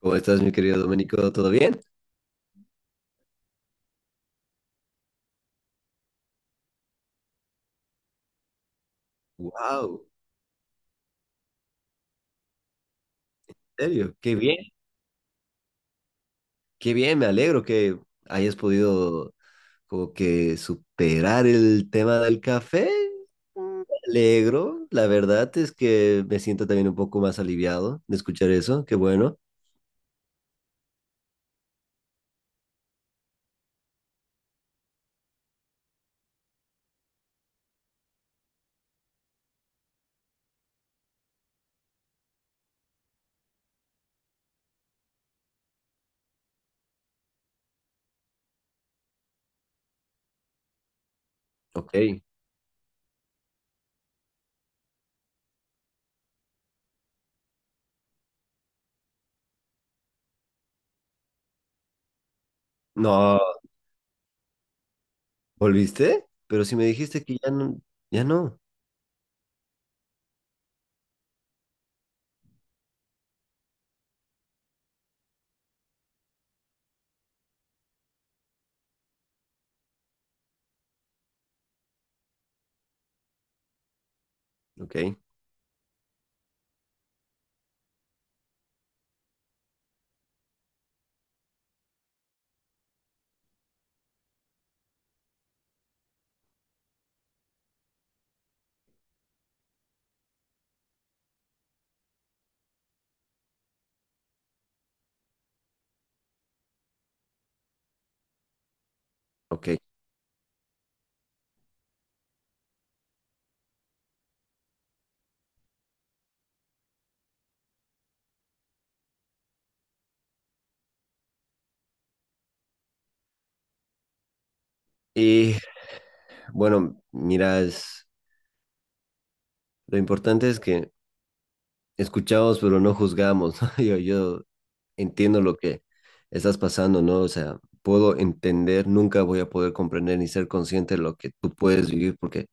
¿Cómo estás, mi querido Domenico? ¿Todo bien? ¡Wow! ¿En serio? ¡Qué bien! ¡Qué bien! Me alegro que hayas podido como que superar el tema del café. Me alegro. La verdad es que me siento también un poco más aliviado de escuchar eso. ¡Qué bueno! Ok. No, ¿volviste? Pero si me dijiste que ya no, ya no. Ok, ok. Y bueno, mira, lo importante es que escuchamos, pero no juzgamos, ¿no? Yo entiendo lo que estás pasando, ¿no? O sea, puedo entender, nunca voy a poder comprender ni ser consciente de lo que tú puedes vivir, porque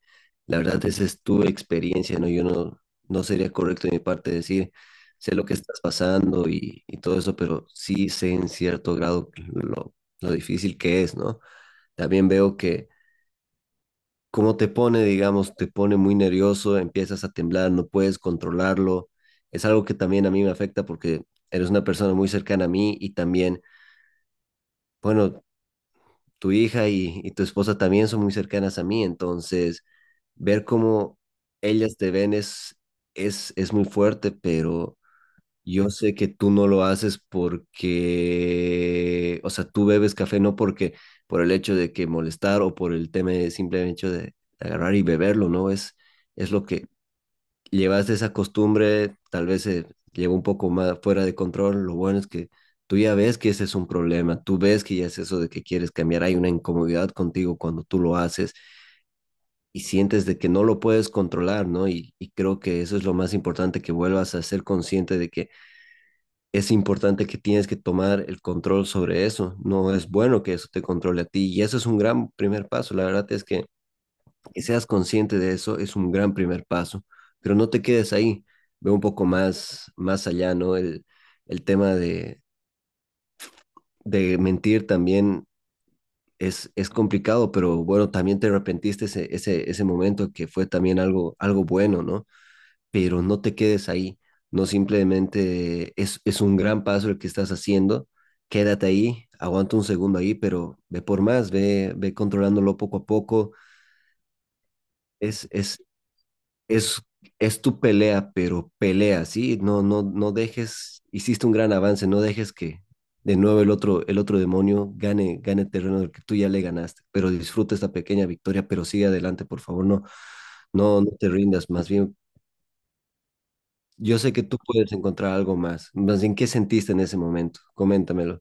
la verdad esa es tu experiencia, ¿no? Yo no, no sería correcto de mi parte decir, sé lo que estás pasando y todo eso, pero sí sé en cierto grado lo difícil que es, ¿no? También veo que cómo te pone, digamos, te pone muy nervioso, empiezas a temblar, no puedes controlarlo. Es algo que también a mí me afecta porque eres una persona muy cercana a mí y también, bueno, tu hija y tu esposa también son muy cercanas a mí, entonces ver cómo ellas te ven es muy fuerte, pero yo sé que tú no lo haces porque, o sea, tú bebes café no porque por el hecho de que molestar o por el tema de simple hecho de agarrar y beberlo, ¿no? Es lo que llevas de esa costumbre, tal vez se lleva un poco más fuera de control. Lo bueno es que tú ya ves que ese es un problema, tú ves que ya es eso de que quieres cambiar, hay una incomodidad contigo cuando tú lo haces y sientes de que no lo puedes controlar, ¿no? Y creo que eso es lo más importante, que vuelvas a ser consciente de que es importante que tienes que tomar el control sobre eso. No es bueno que eso te controle a ti y eso es un gran primer paso. La verdad es que seas consciente de eso es un gran primer paso, pero no te quedes ahí. Ve un poco más, más allá, ¿no? El tema de mentir también es complicado, pero bueno, también te arrepentiste ese momento que fue también algo, algo bueno, ¿no? Pero no te quedes ahí. No simplemente es un gran paso el que estás haciendo, quédate ahí, aguanta un segundo ahí, pero ve por más, ve controlándolo poco a poco. Es, es, es, es tu pelea, pero pelea, ¿sí? No, no, no dejes, hiciste un gran avance, no dejes que de nuevo el el otro demonio gane, gane terreno del que tú ya le ganaste, pero disfruta esta pequeña victoria, pero sigue adelante, por favor, no te rindas, más bien yo sé que tú puedes encontrar algo más. Más bien, ¿qué sentiste en ese momento? Coméntamelo.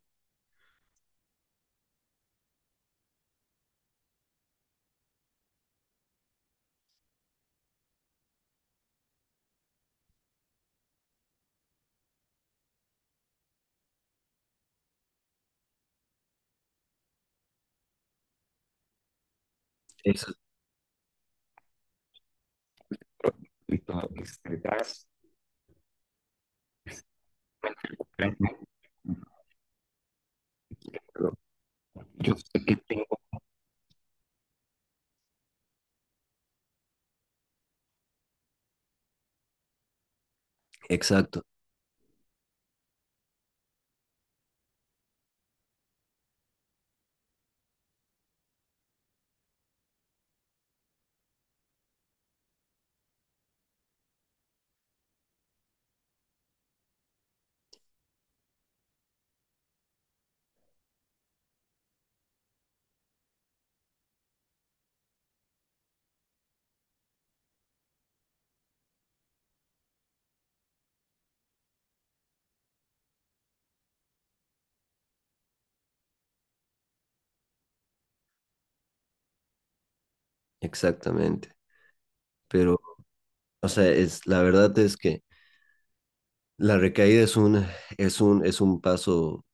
Eso. Exacto, exactamente. Pero, o sea, es, la verdad es que la recaída es es un paso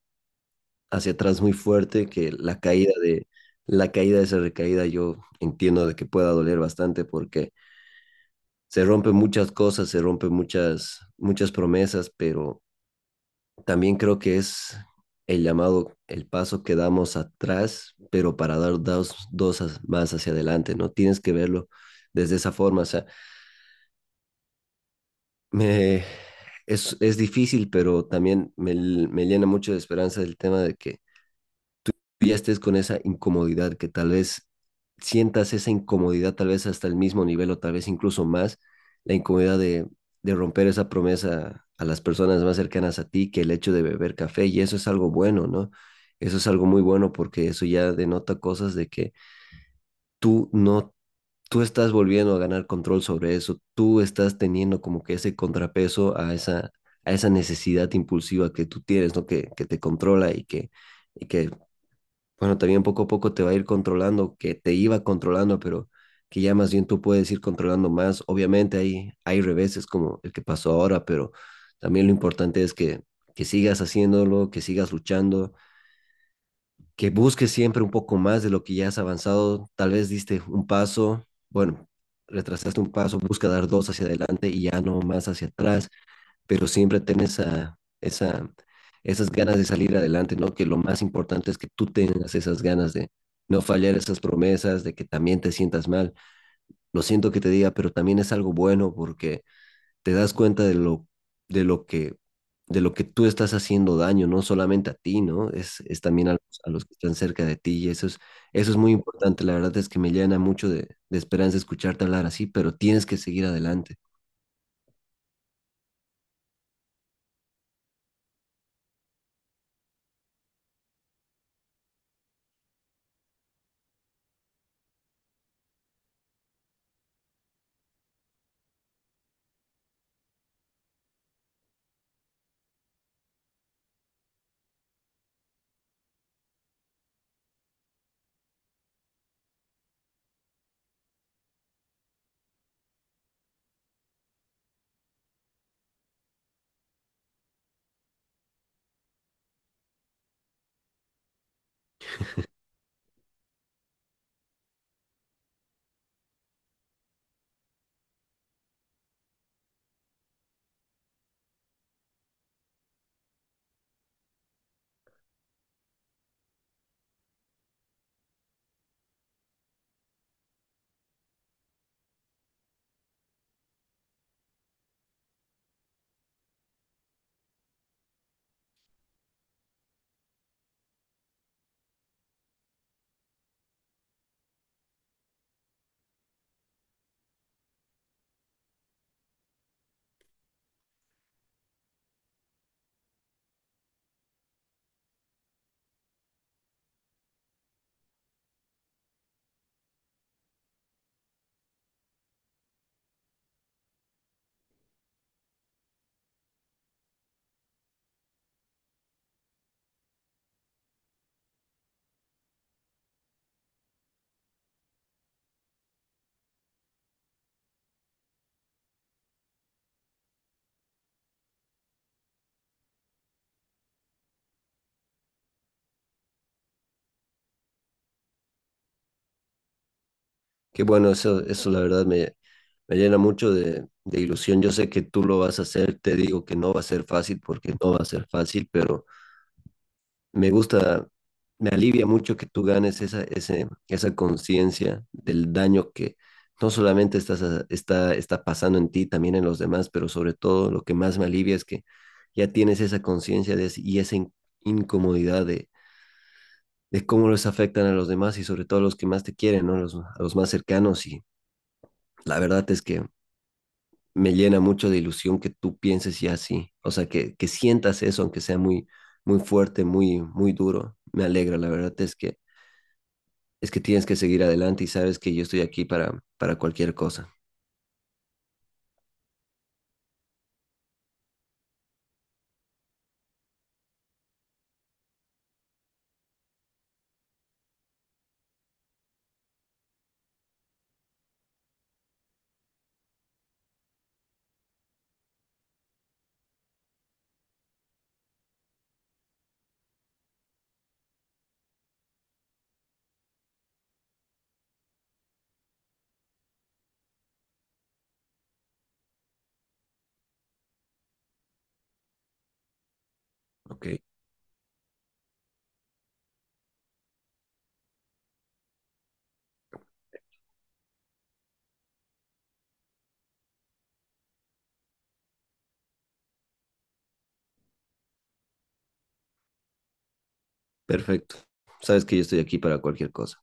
hacia atrás muy fuerte que la caída la caída de esa recaída yo entiendo de que pueda doler bastante porque se rompen muchas cosas, se rompen muchas promesas, pero también creo que es el llamado, el paso que damos atrás, pero para dar más hacia adelante, ¿no? Tienes que verlo desde esa forma, o sea, me, es difícil, pero también me llena mucho de esperanza el tema de que ya estés con esa incomodidad, que tal vez sientas esa incomodidad, tal vez hasta el mismo nivel o tal vez incluso más, la incomodidad de romper esa promesa a las personas más cercanas a ti que el hecho de beber café y eso es algo bueno, ¿no? Eso es algo muy bueno porque eso ya denota cosas de que tú no, tú estás volviendo a ganar control sobre eso, tú estás teniendo como que ese contrapeso a a esa necesidad impulsiva que tú tienes, ¿no? Que te controla y que bueno, también poco a poco te va a ir controlando, que te iba controlando, pero que ya más bien tú puedes ir controlando más. Obviamente hay reveses como el que pasó ahora, pero también lo importante es que sigas haciéndolo, que sigas luchando, que busques siempre un poco más de lo que ya has avanzado. Tal vez diste un paso, bueno, retrasaste un paso, busca dar dos hacia adelante y ya no más hacia atrás, pero siempre ten esas ganas de salir adelante, ¿no? Que lo más importante es que tú tengas esas ganas de no fallar esas promesas, de que también te sientas mal. Lo siento que te diga, pero también es algo bueno porque te das cuenta de lo que de lo que tú estás haciendo daño, no solamente a ti, ¿no? Es también a a los que están cerca de ti y eso eso es muy importante. La verdad es que me llena mucho de esperanza escucharte hablar así, pero tienes que seguir adelante. Qué bueno, eso la verdad me llena mucho de ilusión. Yo sé que tú lo vas a hacer, te digo que no va a ser fácil porque no va a ser fácil, pero me gusta, me alivia mucho que tú ganes esa conciencia del daño que no solamente está pasando en ti, también en los demás, pero sobre todo lo que más me alivia es que ya tienes esa conciencia de y esa incomodidad de cómo los afectan a los demás y sobre todo a los que más te quieren, ¿no? A los más cercanos y la verdad es que me llena mucho de ilusión que tú pienses ya así, o sea, que sientas eso, aunque sea muy, muy fuerte, muy, muy duro. Me alegra, la verdad es es que tienes que seguir adelante y sabes que yo estoy aquí para cualquier cosa. Ok, perfecto. Sabes que yo estoy aquí para cualquier cosa.